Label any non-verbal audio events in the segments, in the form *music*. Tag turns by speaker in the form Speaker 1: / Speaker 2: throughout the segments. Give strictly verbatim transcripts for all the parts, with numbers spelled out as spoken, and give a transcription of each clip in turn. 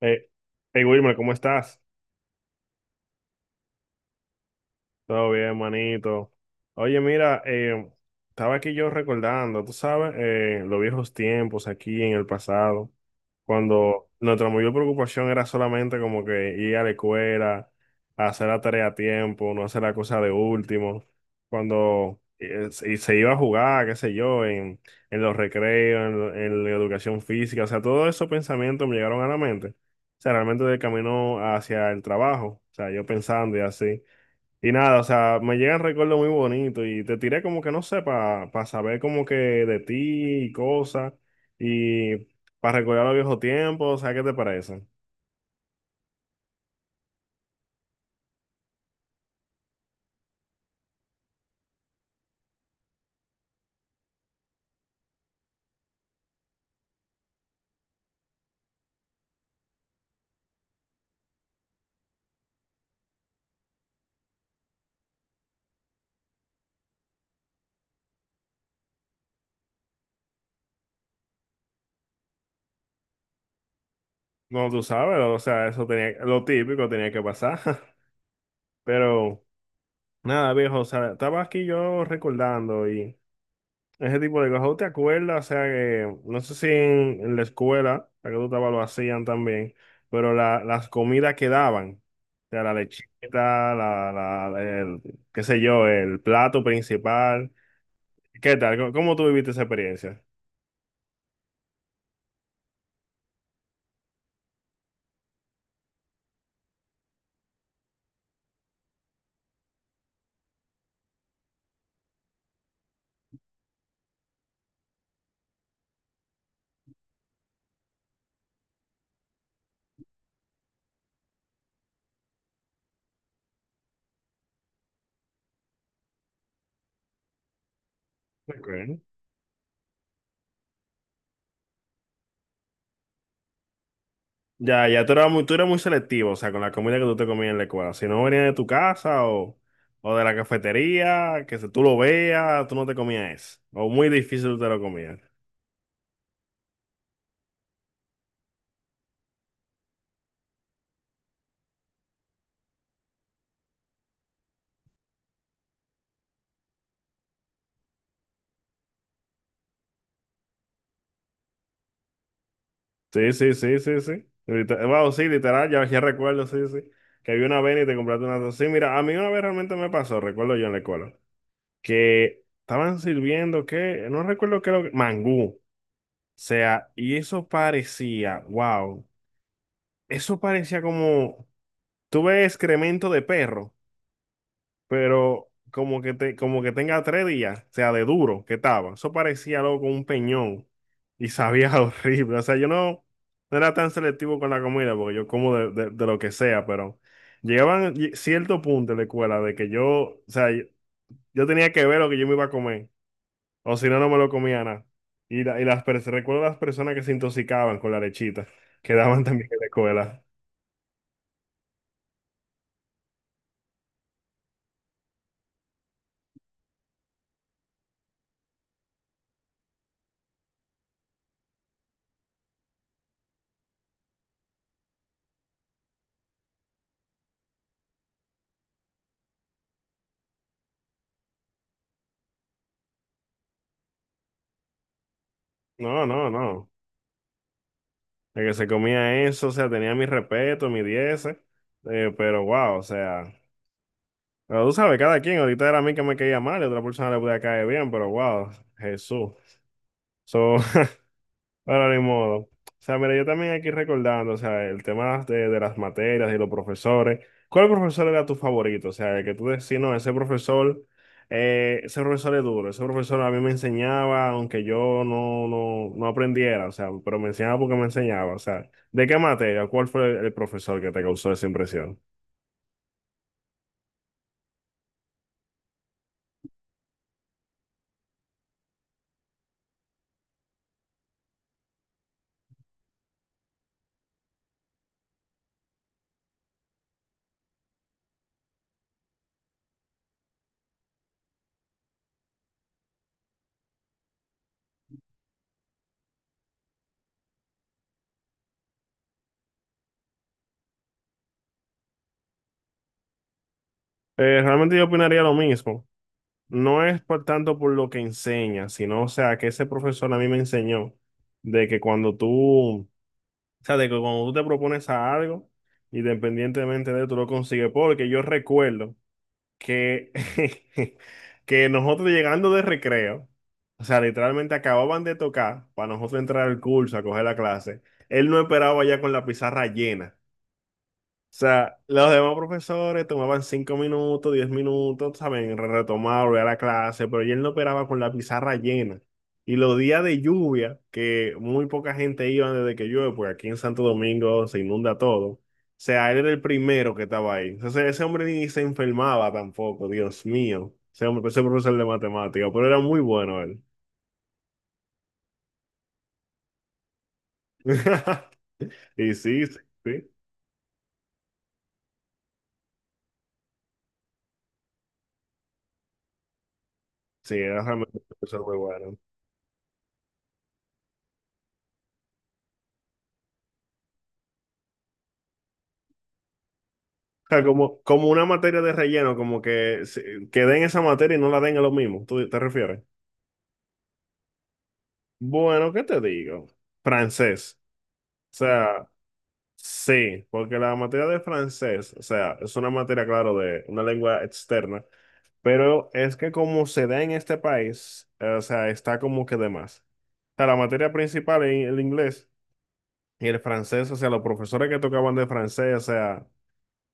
Speaker 1: Eh, hey Wilmer, ¿cómo estás? Todo bien, manito. Oye, mira, eh, estaba aquí yo recordando, tú sabes, eh, los viejos tiempos aquí en el pasado, cuando nuestra mayor preocupación era solamente como que ir a la escuela, hacer la tarea a tiempo, no hacer la cosa de último, cuando eh, se y se iba a jugar, qué sé yo, en, en los recreos, en, lo- en la educación física, o sea, todos esos pensamientos me llegaron a la mente, o sea, realmente del camino hacia el trabajo, o sea, yo pensando y así. Y nada, o sea, me llegan recuerdos muy bonitos y te tiré como que no sé, para saber como que de ti y cosas y para recordar los viejos tiempos, o sea, ¿qué te parece? No, tú sabes, o sea, eso tenía, lo típico tenía que pasar, *laughs* pero nada, viejo, o sea, estaba aquí yo recordando y... ese tipo de cosas. ¿Tú te acuerdas? O sea, que no sé si en, en la escuela, la que tú estabas, lo hacían también, pero la- las comidas que daban, o sea, la lechita, la, la, el, qué sé yo, el plato principal. ¿Qué tal? ¿Cómo, cómo tú viviste esa experiencia? Ok. Ya, ya tú eras muy, tú eras muy selectivo, o sea, con la comida que tú te comías en la escuela. Si no venía de tu casa o, o de la cafetería, que si tú lo veas, tú no te comías eso. O muy difícil tú te lo comías. Sí, sí, sí, sí, sí. Liter- Wow, sí, literal, ya, ya recuerdo, sí, sí. Que había una vez y te compraste una. Sí, mira, a mí una vez realmente me pasó, recuerdo yo en la escuela, que estaban sirviendo, que no recuerdo qué era lo que. Mangú. O sea, y eso parecía, wow, eso parecía como. Tuve excremento de perro, pero como que, te, como que tenga tres días, o sea, de duro que estaba. Eso parecía loco un peñón y sabía *laughs* horrible. O sea, yo no, no era tan selectivo con la comida porque yo como de, de- de lo que sea, pero llegaban lle- cierto punto en la escuela de que yo, o sea, yo, yo tenía que ver lo que yo me iba a comer, o si no, no me lo comía nada. Y, la- y las pers- recuerdo las personas que se intoxicaban con la lechita que daban *laughs* también en la escuela. No, no, no. El que se comía eso, o sea, tenía mi respeto, mi diez, eh, pero wow, o sea, pero tú sabes, cada quien, ahorita era a mí que me caía mal y a otra persona le podía caer bien, pero wow, Jesús. So, *laughs* bueno, ni modo. O sea, mira, yo también aquí recordando, o sea, el tema de, de las materias y los profesores. ¿Cuál profesor era tu favorito? O sea, el que tú decís, no, ese profesor, eh, ese profesor es duro, ese profesor a mí me enseñaba, aunque yo no, no, no aprendiera, o sea, pero me enseñaba porque me enseñaba. O sea, ¿de qué materia? ¿Cuál fue el, el profesor que te causó esa impresión? Eh, realmente yo opinaría lo mismo. No es por tanto por lo que enseña, sino, o sea, que ese profesor a mí me enseñó de que cuando tú, o sea, de que cuando tú te propones a algo, independientemente de tú lo consigues, porque yo recuerdo que, *laughs* que nosotros llegando de recreo, o sea, literalmente acababan de tocar para nosotros entrar al curso, a coger la clase, él no esperaba ya con la pizarra llena. O sea, los demás profesores tomaban cinco minutos, diez minutos, ¿saben? Re- Retomar, volver a la clase, pero él no operaba con la pizarra llena. Y los días de lluvia, que muy poca gente iba desde que llueve, porque aquí en Santo Domingo se inunda todo. O sea, él era el primero que estaba ahí. Entonces, ese hombre ni se enfermaba tampoco, Dios mío. Ese hombre, ese profesor de matemáticas, pero era muy bueno él. *laughs* Y sí, sí, sí, sí, era realmente un profesor muy bueno. Sea, como, como una materia de relleno, como que, se- que den esa materia y no la den a lo mismo, ¿tú te refieres? Bueno, ¿qué te digo? Francés. O sea, sí, porque la materia de francés, o sea, es una materia, claro, de una lengua externa, pero es que como se da en este país, eh, o sea, está como que de más. O sea, la materia principal es el inglés y el francés, o sea, los profesores que tocaban de francés, o sea...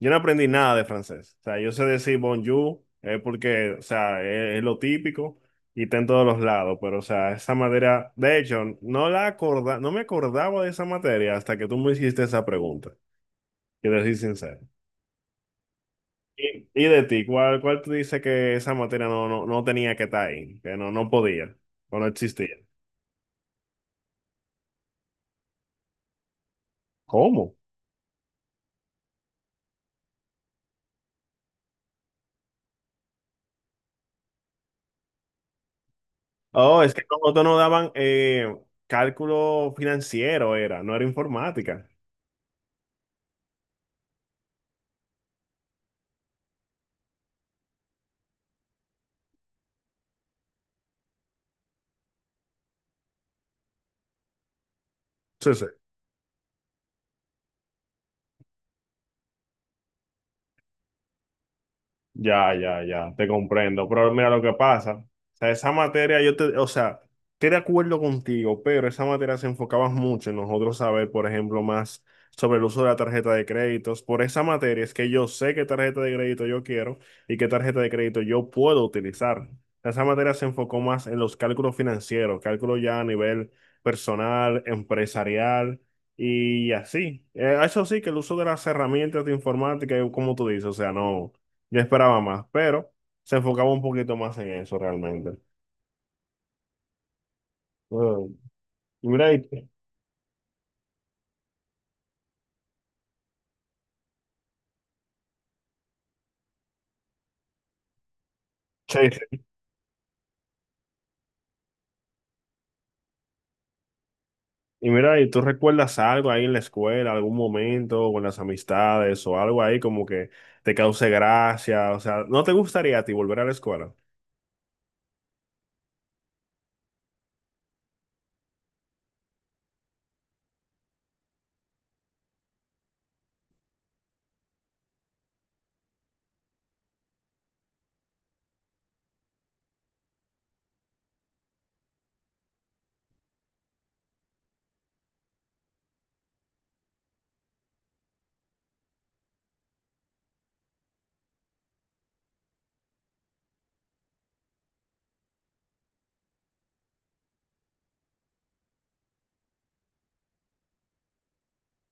Speaker 1: Yo no aprendí nada de francés. O sea, yo sé decir bonjour, eh, porque, o sea, es, es lo típico y está en todos los lados, pero, o sea, esa materia, de hecho, no la acorda, no me acordaba de esa materia hasta que tú me hiciste esa pregunta, quiero decir sincero. Y, y de ti, ¿cuál, cuál tú dices que esa materia no, no, no tenía que estar ahí, que no, no podía, o no existía? ¿Cómo? Oh, es que como tú no daban eh, cálculo financiero, era, no era informática. Sí, sí. Ya, ya, ya, te comprendo. Pero mira lo que pasa. O sea, esa materia, yo te, o sea, estoy de acuerdo contigo, pero esa materia se enfocaba mucho en nosotros saber, por ejemplo, más sobre el uso de la tarjeta de créditos. Por esa materia es que yo sé qué tarjeta de crédito yo quiero y qué tarjeta de crédito yo puedo utilizar. Esa materia se enfocó más en los cálculos financieros, cálculos ya a nivel personal, empresarial. Y así, eh, eso sí, que el uso de las herramientas de informática, como tú dices, o sea, no, yo esperaba más, pero se enfocaba un poquito más en eso realmente. Mm. Y mira, y, sí, sí. Y mira, ¿y tú recuerdas algo ahí en la escuela, algún momento con las amistades o algo ahí como que te cause gracia? O sea, ¿no te gustaría a ti volver a la escuela?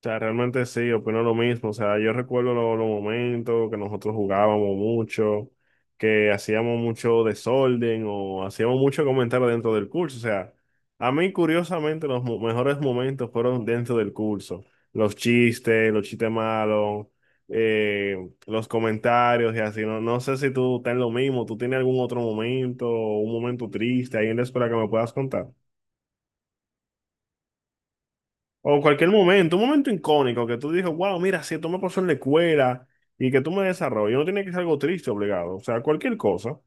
Speaker 1: O sea, realmente sí, opino lo mismo. O sea, yo recuerdo lo- los momentos que nosotros jugábamos mucho, que hacíamos mucho desorden o hacíamos mucho comentario dentro del curso. O sea, a mí curiosamente los mo- mejores momentos fueron dentro del curso. Los chistes, los chistes malos, eh, los comentarios y así. No, no sé si tú estás en lo mismo, tú tienes algún otro momento, un momento triste ahí en la escuela que me puedas contar. O cualquier momento, un momento icónico que tú dices, wow, mira, si esto me pasó en la escuela y que tú me desarrolles, no tiene que ser algo triste, obligado, o sea, cualquier cosa.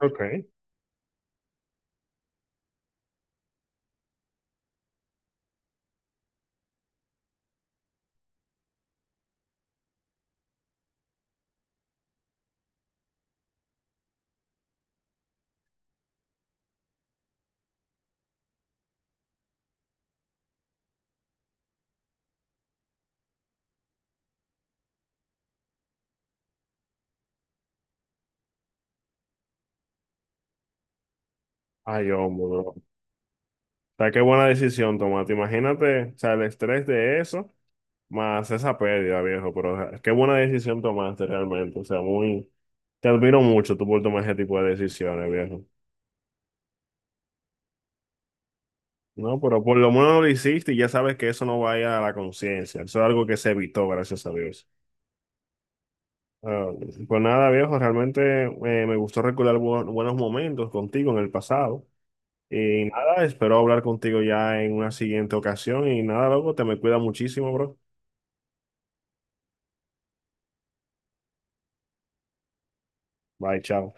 Speaker 1: Ok. Ay, hombre, bro. O sea, qué buena decisión tomate. Imagínate, o sea, el estrés de eso, más esa pérdida, viejo, pero o sea, qué buena decisión tomaste realmente, o sea, muy, te admiro mucho tú por tomar ese tipo de decisiones, viejo. No, pero por lo menos lo hiciste y ya sabes que eso no vaya a la conciencia, eso es algo que se evitó, gracias a Dios. Ah, pues nada, viejo, realmente eh, me gustó recordar bu- buenos momentos contigo en el pasado. Y nada, espero hablar contigo ya en una siguiente ocasión. Y nada, loco, te me cuida muchísimo, bro. Bye, chao.